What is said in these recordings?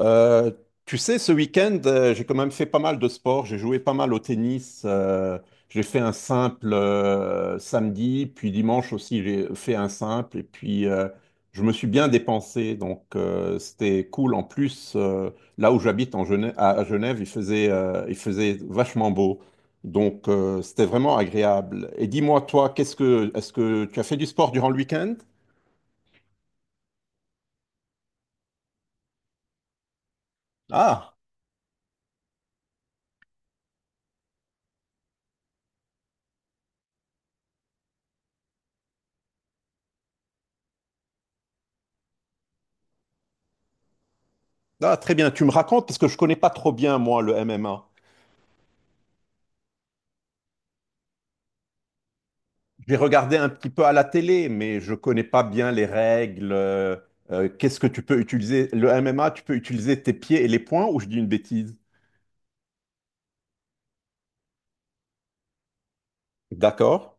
Euh, Tu sais, ce week-end, j'ai quand même fait pas mal de sport. J'ai joué pas mal au tennis. J'ai fait un simple samedi, puis dimanche aussi, j'ai fait un simple. Et puis, je me suis bien dépensé. Donc, c'était cool. En plus, là où j'habite en Genève, à Genève, il faisait vachement beau. Donc, c'était vraiment agréable. Et dis-moi, toi, est-ce que tu as fait du sport durant le week-end? Ah, ah, très bien. Tu me racontes parce que je connais pas trop bien, moi, le MMA. J'ai regardé un petit peu à la télé, mais je connais pas bien les règles. Qu'est-ce que tu peux utiliser? Le MMA, tu peux utiliser tes pieds et les poings ou je dis une bêtise? D'accord,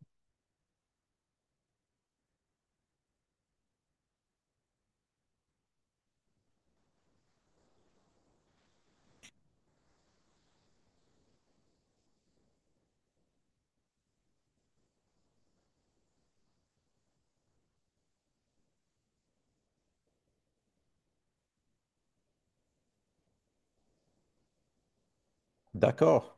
d'accord.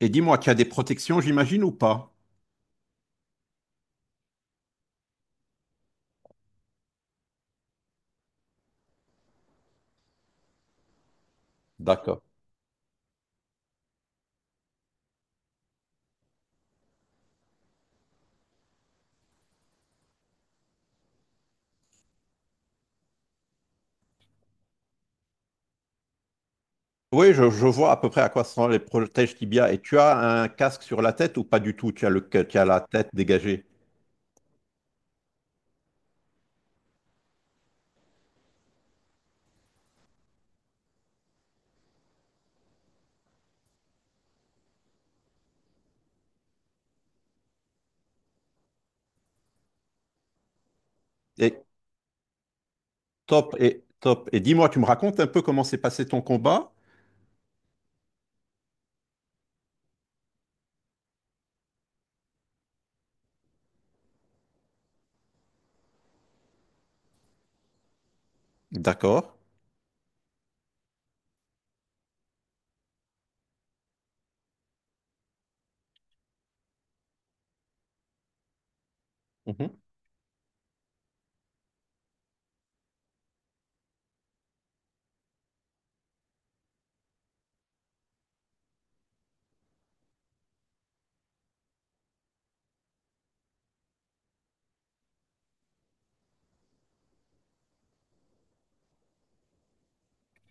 Et dis-moi, tu as des protections, j'imagine, ou pas? D'accord. Oui, je vois à peu près à quoi seront les protèges tibia. Et tu as un casque sur la tête ou pas du tout? Tu as tu as la tête dégagée. Et et top. Et dis-moi, tu me racontes un peu comment s'est passé ton combat? D'accord.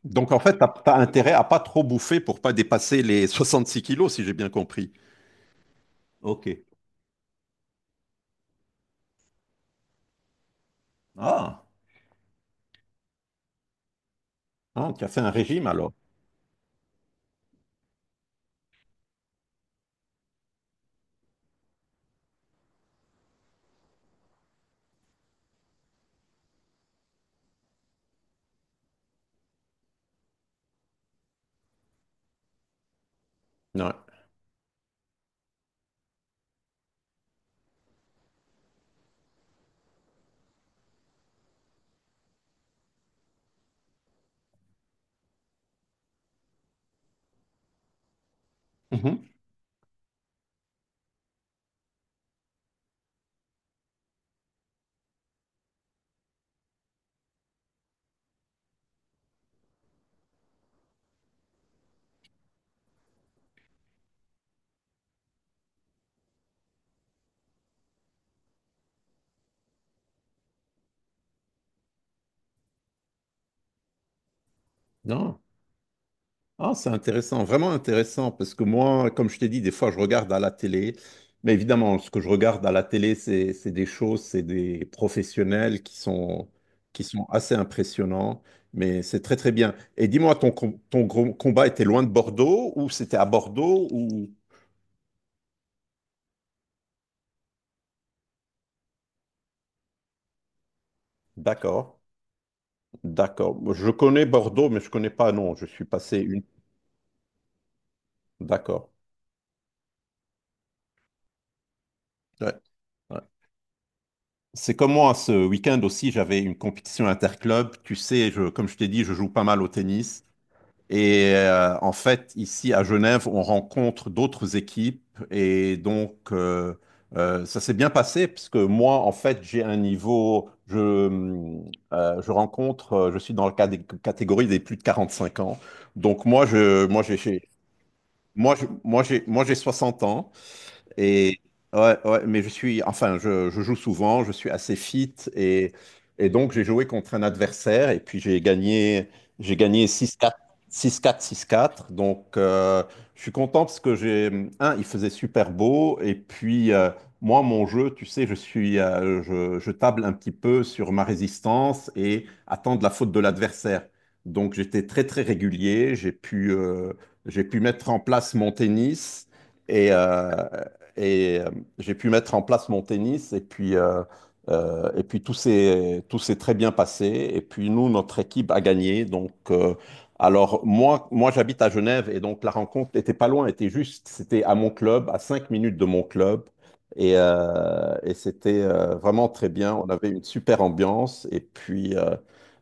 Donc en fait, tu as intérêt à pas trop bouffer pour pas dépasser les 66 kilos, si j'ai bien compris. Ok. Ah, ah, tu as fait un régime alors. Ouais. Mhm. Non. Ah, c'est intéressant, vraiment intéressant, parce que moi, comme je t'ai dit, des fois, je regarde à la télé. Mais évidemment, ce que je regarde à la télé, c'est des choses, c'est des professionnels qui sont assez impressionnants. Mais c'est très, très bien. Et dis-moi, ton gros combat était loin de Bordeaux ou c'était à Bordeaux ou... D'accord. D'accord. Je connais Bordeaux, mais je connais pas, non. Je suis passé une. D'accord. Ouais. Ouais. C'est comme moi, ce week-end aussi, j'avais une compétition interclub. Tu sais, comme je t'ai dit, je joue pas mal au tennis. Et en fait, ici à Genève, on rencontre d'autres équipes. Et donc, ça s'est bien passé, parce que moi, en fait, j'ai un niveau. Je suis dans la catégorie des plus de 45 ans. Donc, moi, je, moi, j'ai- moi, je- moi, j'ai 60 ans. Et ouais, mais je suis, je joue souvent, je suis assez fit, et donc j'ai joué contre un adversaire et puis j'ai gagné 6-4, 6-4, six quatre. Donc je suis content parce que il faisait super beau et puis moi, mon jeu, tu sais, je table un petit peu sur ma résistance et attendre la faute de l'adversaire. Donc j'étais très, très régulier, j'ai pu mettre en place mon tennis. Et, euh, et euh, j'ai pu mettre en place mon tennis et puis tout s'est très bien passé. Et puis nous, notre équipe a gagné. Donc, moi j'habite à Genève et donc la rencontre n'était pas loin, c'était à mon club, à cinq minutes de mon club. Et c'était vraiment très bien. On avait une super ambiance et puis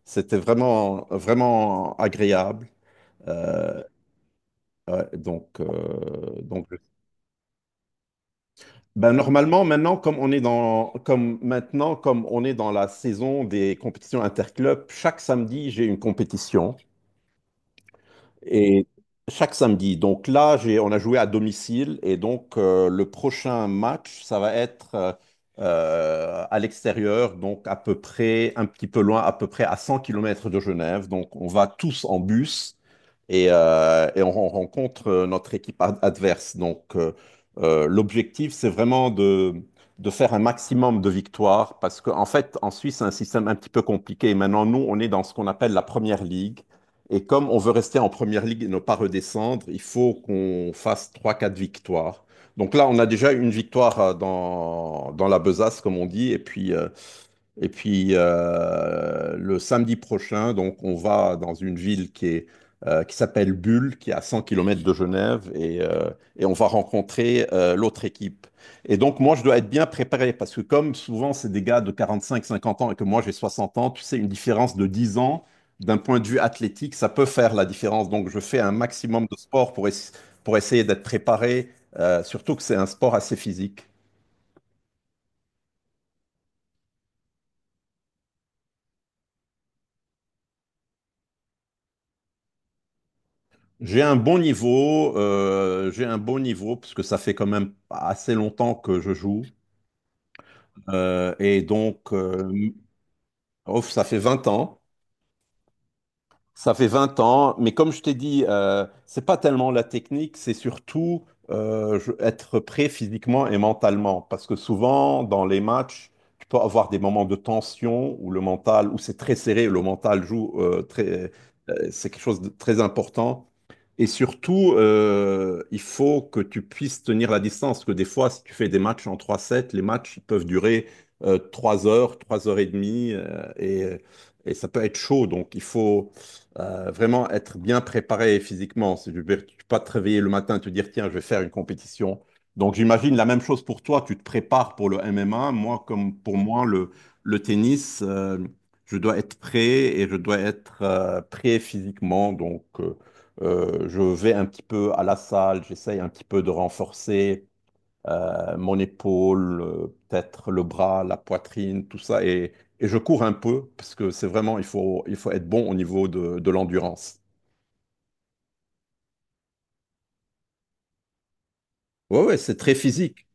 c'était vraiment, vraiment agréable. Euh, donc, ben, normalement, maintenant, comme on est dans la saison des compétitions interclubs, chaque samedi, j'ai une compétition. Et chaque samedi. On a joué à domicile et donc le prochain match, ça va être à l'extérieur, donc à peu près, un petit peu loin, à peu près à 100 kilomètres de Genève. Donc on va tous en bus et, on rencontre notre équipe adverse. Donc l'objectif, c'est vraiment de faire un maximum de victoires parce qu'en fait, en Suisse, c'est un système un petit peu compliqué. Maintenant, nous, on est dans ce qu'on appelle la première ligue. Et comme on veut rester en première ligue et ne pas redescendre, il faut qu'on fasse trois quatre victoires. Donc là, on a déjà une victoire dans la besace, comme on dit, et puis le samedi prochain, donc on va dans une ville qui s'appelle Bulle, qui est à 100 km de Genève, et on va rencontrer l'autre équipe. Et donc moi, je dois être bien préparé, parce que comme souvent c'est des gars de 45-50 ans et que moi j'ai 60 ans, tu sais, une différence de 10 ans, d'un point de vue athlétique, ça peut faire la différence. Donc je fais un maximum de sport pour essayer d'être préparé, surtout que c'est un sport assez physique. J'ai un bon niveau, j'ai un bon niveau parce que ça fait quand même assez longtemps que je joue. Euh, et donc, euh, oh, ça fait 20 ans. Ça fait 20 ans, mais comme je t'ai dit, c'est pas tellement la technique, c'est surtout être prêt physiquement et mentalement. Parce que souvent, dans les matchs, tu peux avoir des moments de tension où c'est très serré, le mental joue c'est quelque chose de très important. Et surtout, il faut que tu puisses tenir la distance, parce que des fois, si tu fais des matchs en trois sets, les matchs ils peuvent durer 3 heures, 3 heures et demie, et ça peut être chaud. Donc, il faut vraiment être bien préparé physiquement. Si tu ne peux pas te réveiller le matin et te dire, tiens, je vais faire une compétition. Donc, j'imagine la même chose pour toi. Tu te prépares pour le MMA. Moi, comme pour moi, le tennis, je dois être prêt et je dois être prêt physiquement. Donc, je vais un petit peu à la salle, j'essaye un petit peu de renforcer mon épaule, peut-être le bras, la poitrine, tout ça. Et je cours un peu, parce que c'est vraiment, il faut être bon au niveau de l'endurance. Ouais, ouais, c'est très physique.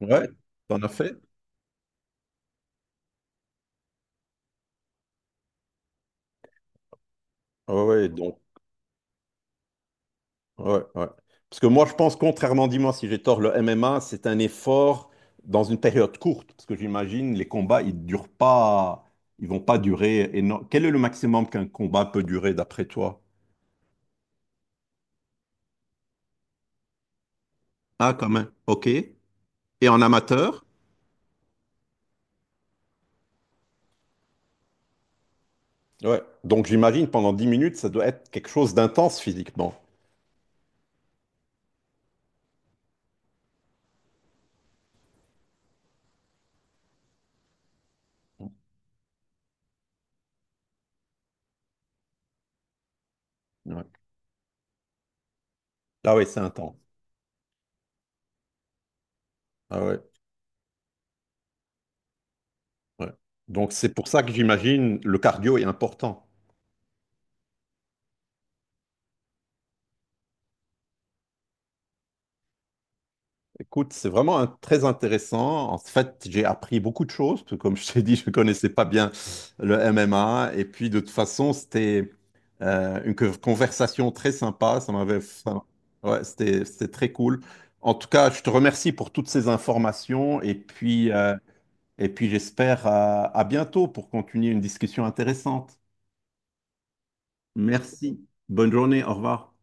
Ouais, t'en as fait? Ouais, ouais, donc. Ouais, ouais. Parce que moi, je pense, contrairement, dis-moi si j'ai tort, le MMA, c'est un effort dans une période courte. Parce que j'imagine, les combats, ils durent pas, ils vont pas durer énorme. Quel est le maximum qu'un combat peut durer d'après toi? Ah, quand même. OK. Et en amateur? Ouais. Donc, j'imagine, pendant 10 minutes, ça doit être quelque chose d'intense physiquement. Ouais. Ah ouais, c'est intense. Ah ouais. Donc, c'est pour ça que j'imagine, le cardio est important. Écoute, c'est très intéressant. En fait, j'ai appris beaucoup de choses, parce que comme je t'ai dit, je ne connaissais pas bien le MMA. Et puis, de toute façon, c'était une conversation très sympa. Ouais, c'était très cool. En tout cas, je te remercie pour toutes ces informations. Et puis, j'espère à bientôt pour continuer une discussion intéressante. Merci. Bonne journée. Au revoir.